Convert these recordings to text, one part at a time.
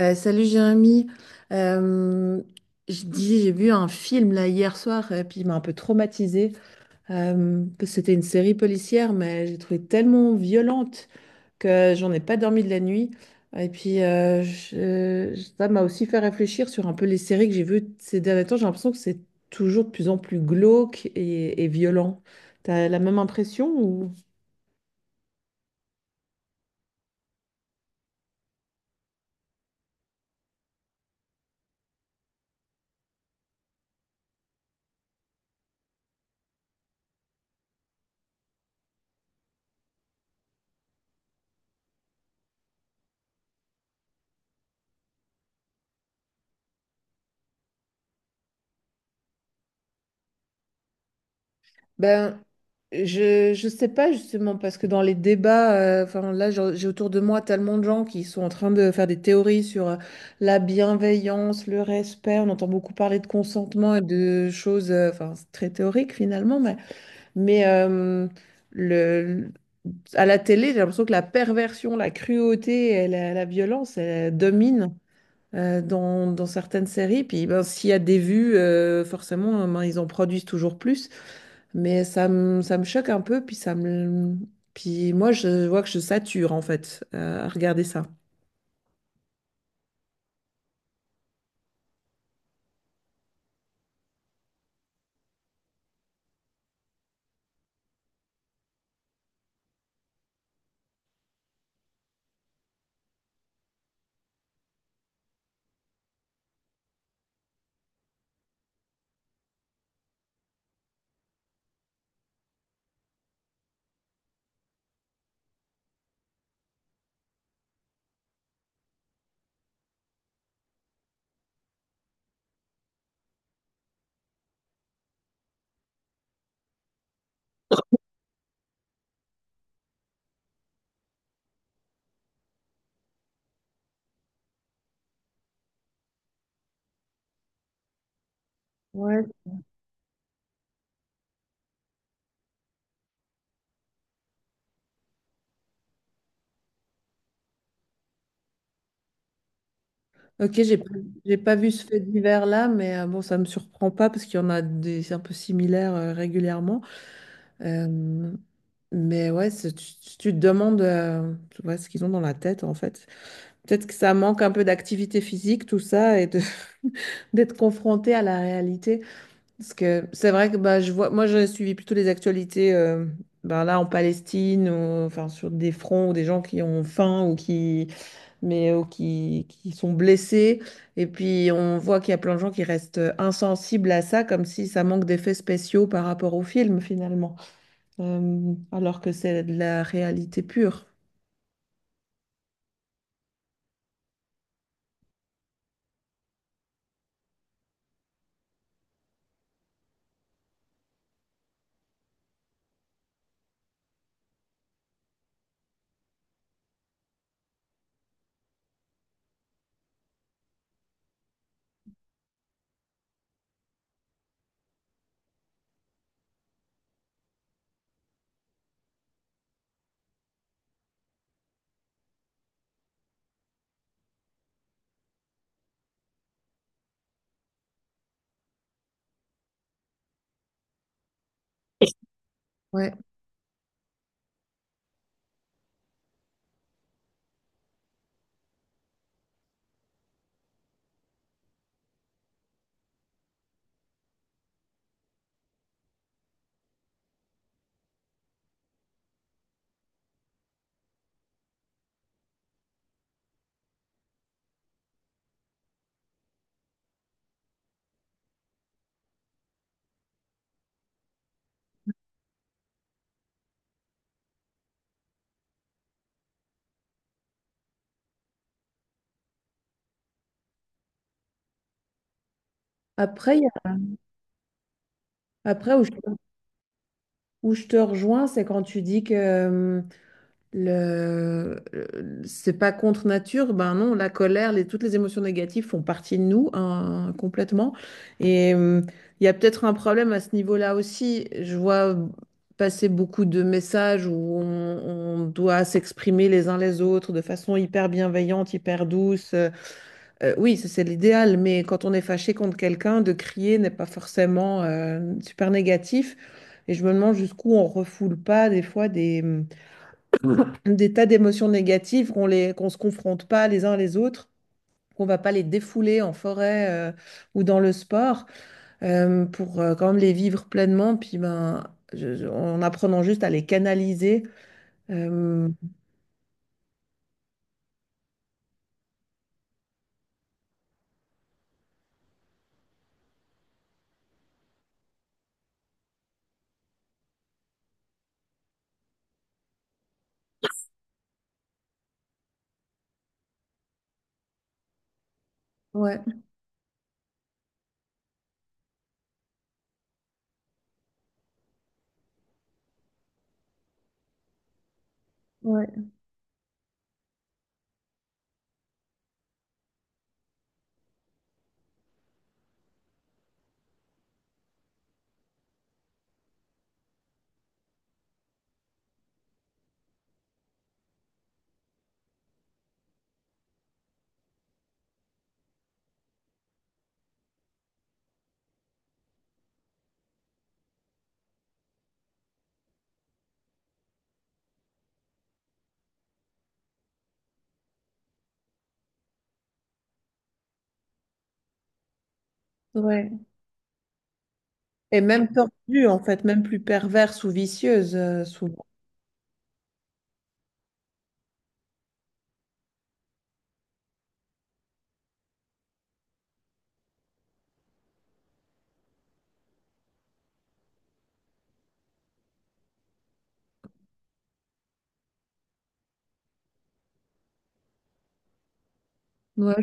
Salut Jérémy, Euh, je dis j'ai vu un film là hier soir et puis il m'a un peu traumatisée. Parce que c'était une série policière mais j'ai trouvé tellement violente que j'en ai pas dormi de la nuit. Et puis ça m'a aussi fait réfléchir sur un peu les séries que j'ai vues ces derniers temps. J'ai l'impression que c'est toujours de plus en plus glauque et violent. T'as la même impression ou... Ben, je sais pas justement parce que dans les débats, enfin là j'ai autour de moi tellement de gens qui sont en train de faire des théories sur la bienveillance, le respect. On entend beaucoup parler de consentement et de choses, enfin c'est très théorique finalement, mais le à la télé j'ai l'impression que la perversion, la cruauté et la violence elle domine. Dans, dans certaines séries, puis ben, s'il y a des vues, forcément, ben, ils en produisent toujours plus. Ça me choque un peu, puis ça me... Puis moi, je vois que je sature, en fait, à regarder ça. Ouais. Ok, j'ai pas vu ce fait divers-là, mais bon, ça me surprend pas parce qu'il y en a des un peu similaires régulièrement. Euh, mais ouais, c'est- tu te demandes tu vois, ce qu'ils ont dans la tête en fait. Peut-être que ça manque un peu d'activité physique, tout ça, et de- d'être confronté à la réalité. Parce que c'est vrai que bah, je vois, moi j'ai suivi plutôt les actualités ben là en Palestine, ou, enfin sur des fronts où des gens qui ont faim ou qui sont blessés. Et puis on voit qu'il y a plein de gens qui restent insensibles à ça, comme si ça manque d'effets spéciaux par rapport au film finalement, alors que c'est de la réalité pure. Ouais. Après, il y a- après où je te rejoins, c'est quand tu dis que c'est pas contre nature. Ben non, la colère, toutes les émotions négatives font partie de nous hein, complètement. Et il y a peut-être un problème à ce niveau-là aussi. Je vois passer beaucoup de messages où on doit s'exprimer les uns les autres de façon hyper bienveillante, hyper douce. Oui, ça, c'est l'idéal, mais quand on est fâché contre quelqu'un, de crier n'est pas forcément super négatif. Et je me demande jusqu'où on refoule pas des fois des tas d'émotions négatives, qu'on se confronte pas les uns les autres, qu'on va pas les défouler en forêt ou dans le sport, pour quand même les vivre pleinement, puis ben, en apprenant juste à les canaliser. euh, ouais, ouais, ouais. Et même tordues, en fait, même plus perverse ou vicieuse souvent. Ouais.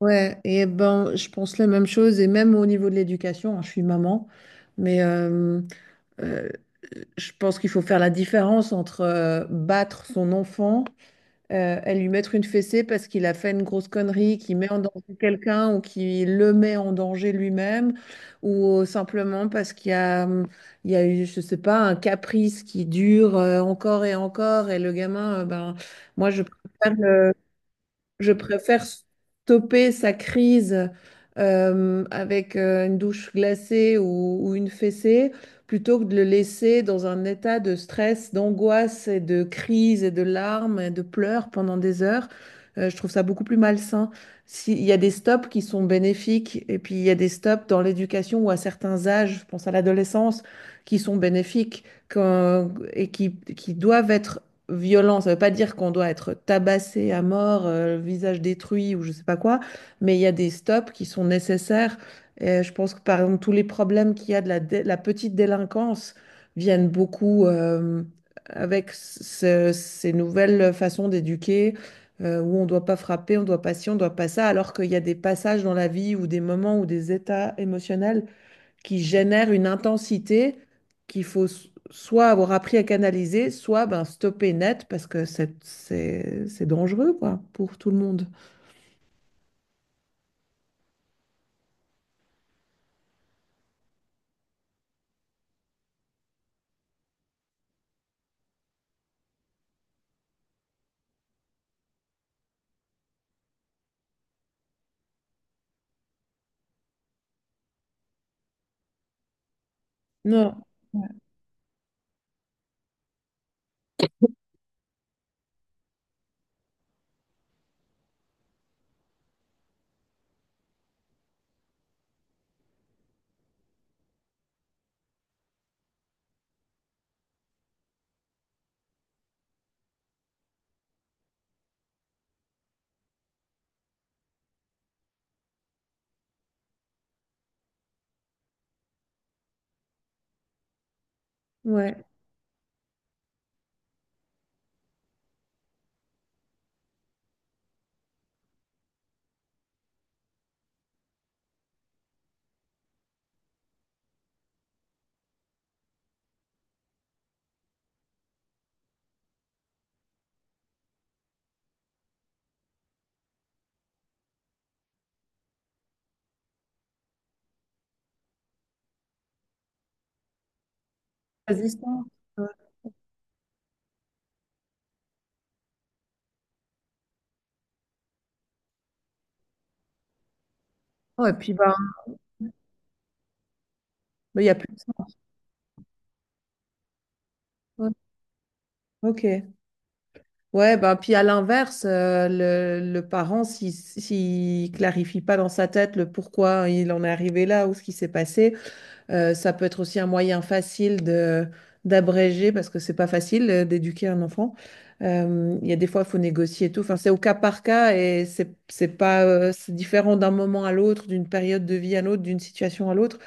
Ouais, et ben, je pense la même chose, et même au niveau de l'éducation, hein, je suis maman, mais euh, je pense qu'il faut faire la différence entre battre son enfant et lui mettre une fessée parce qu'il a fait une grosse connerie, qui met en danger quelqu'un ou qui le met en danger lui-même, ou simplement parce qu'il y a, il y a eu, je sais pas, un caprice qui dure encore et encore, et le gamin, ben, moi je préfère le je préfère stopper sa crise avec une douche glacée ou une fessée plutôt que de le laisser dans un état de stress, d'angoisse et de crise et de larmes et de pleurs pendant des heures. Je trouve ça beaucoup plus malsain. S'il y a des stops qui sont bénéfiques et puis il y a des stops dans l'éducation ou à certains âges, je pense à l'adolescence, qui sont bénéfiques quand- et qui doivent être violent. Ça ne veut pas dire qu'on doit être tabassé à mort, le visage détruit ou je ne sais pas quoi, mais il y a des stops qui sont nécessaires. Et je pense que par exemple, tous les problèmes qu'il y a de la petite délinquance viennent beaucoup avec ce- ces nouvelles façons d'éduquer. Où on ne doit pas frapper, on ne doit pas ci, on ne doit pas ça, alors qu'il y a des passages dans la vie ou des moments ou des états émotionnels qui génère une intensité qu'il faut s- soit avoir appris à canaliser, soit ben, stopper net parce que c'est dangereux quoi, pour tout le monde. Non, ouais. Résistance. Ouais. Ouais, et puis ben, il n'y a plus de ça. Ouais. Ok. Ouais, ben, puis à l'inverse, le parent, s'il ne clarifie pas dans sa tête le pourquoi il en est arrivé là ou ce qui s'est passé, ça peut être aussi un moyen facile de d'abréger parce que c'est pas facile d'éduquer un enfant. Il y a des fois, il faut négocier et tout. Enfin, c'est au cas par cas et c'est pas c'est différent d'un moment à l'autre, d'une période de vie à l'autre, d'une situation à l'autre.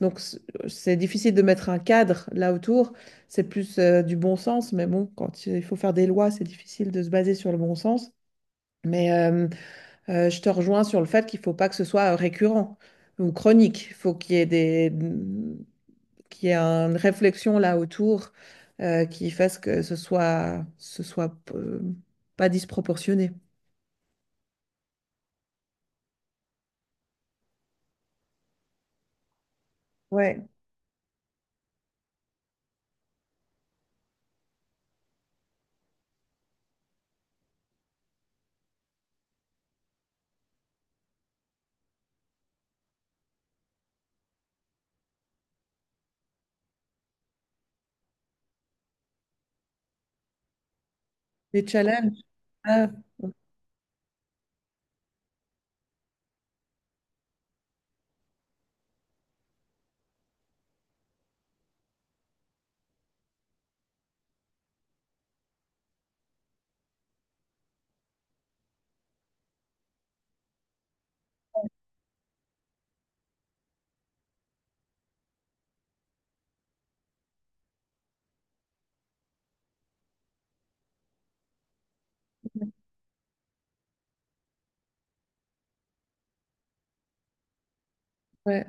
Donc c- c'est difficile de mettre un cadre là autour. C'est plus du bon sens, mais bon, quand il faut faire des lois, c'est difficile de se baser sur le bon sens. Mais je te rejoins sur le fait qu'il faut pas que ce soit récurrent ou chronique. Il faut qu'il y ait des, qu'il y ait une réflexion là autour qui fasse que ce soit, ce soit pas disproportionné. Ouais, les challenges. Ah, ouais,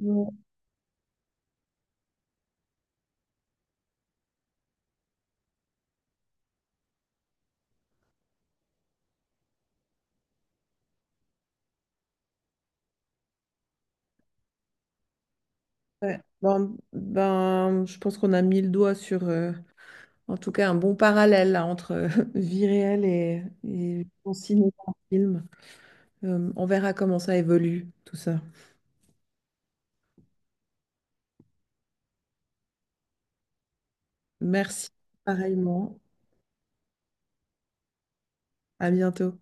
ouais, ouais. Bon, ben, je pense qu'on a mis le doigt sur, en tout cas, un bon parallèle là, entre vie réelle et on cinéma en film. On verra comment ça évolue, tout ça. Merci, pareillement. À bientôt.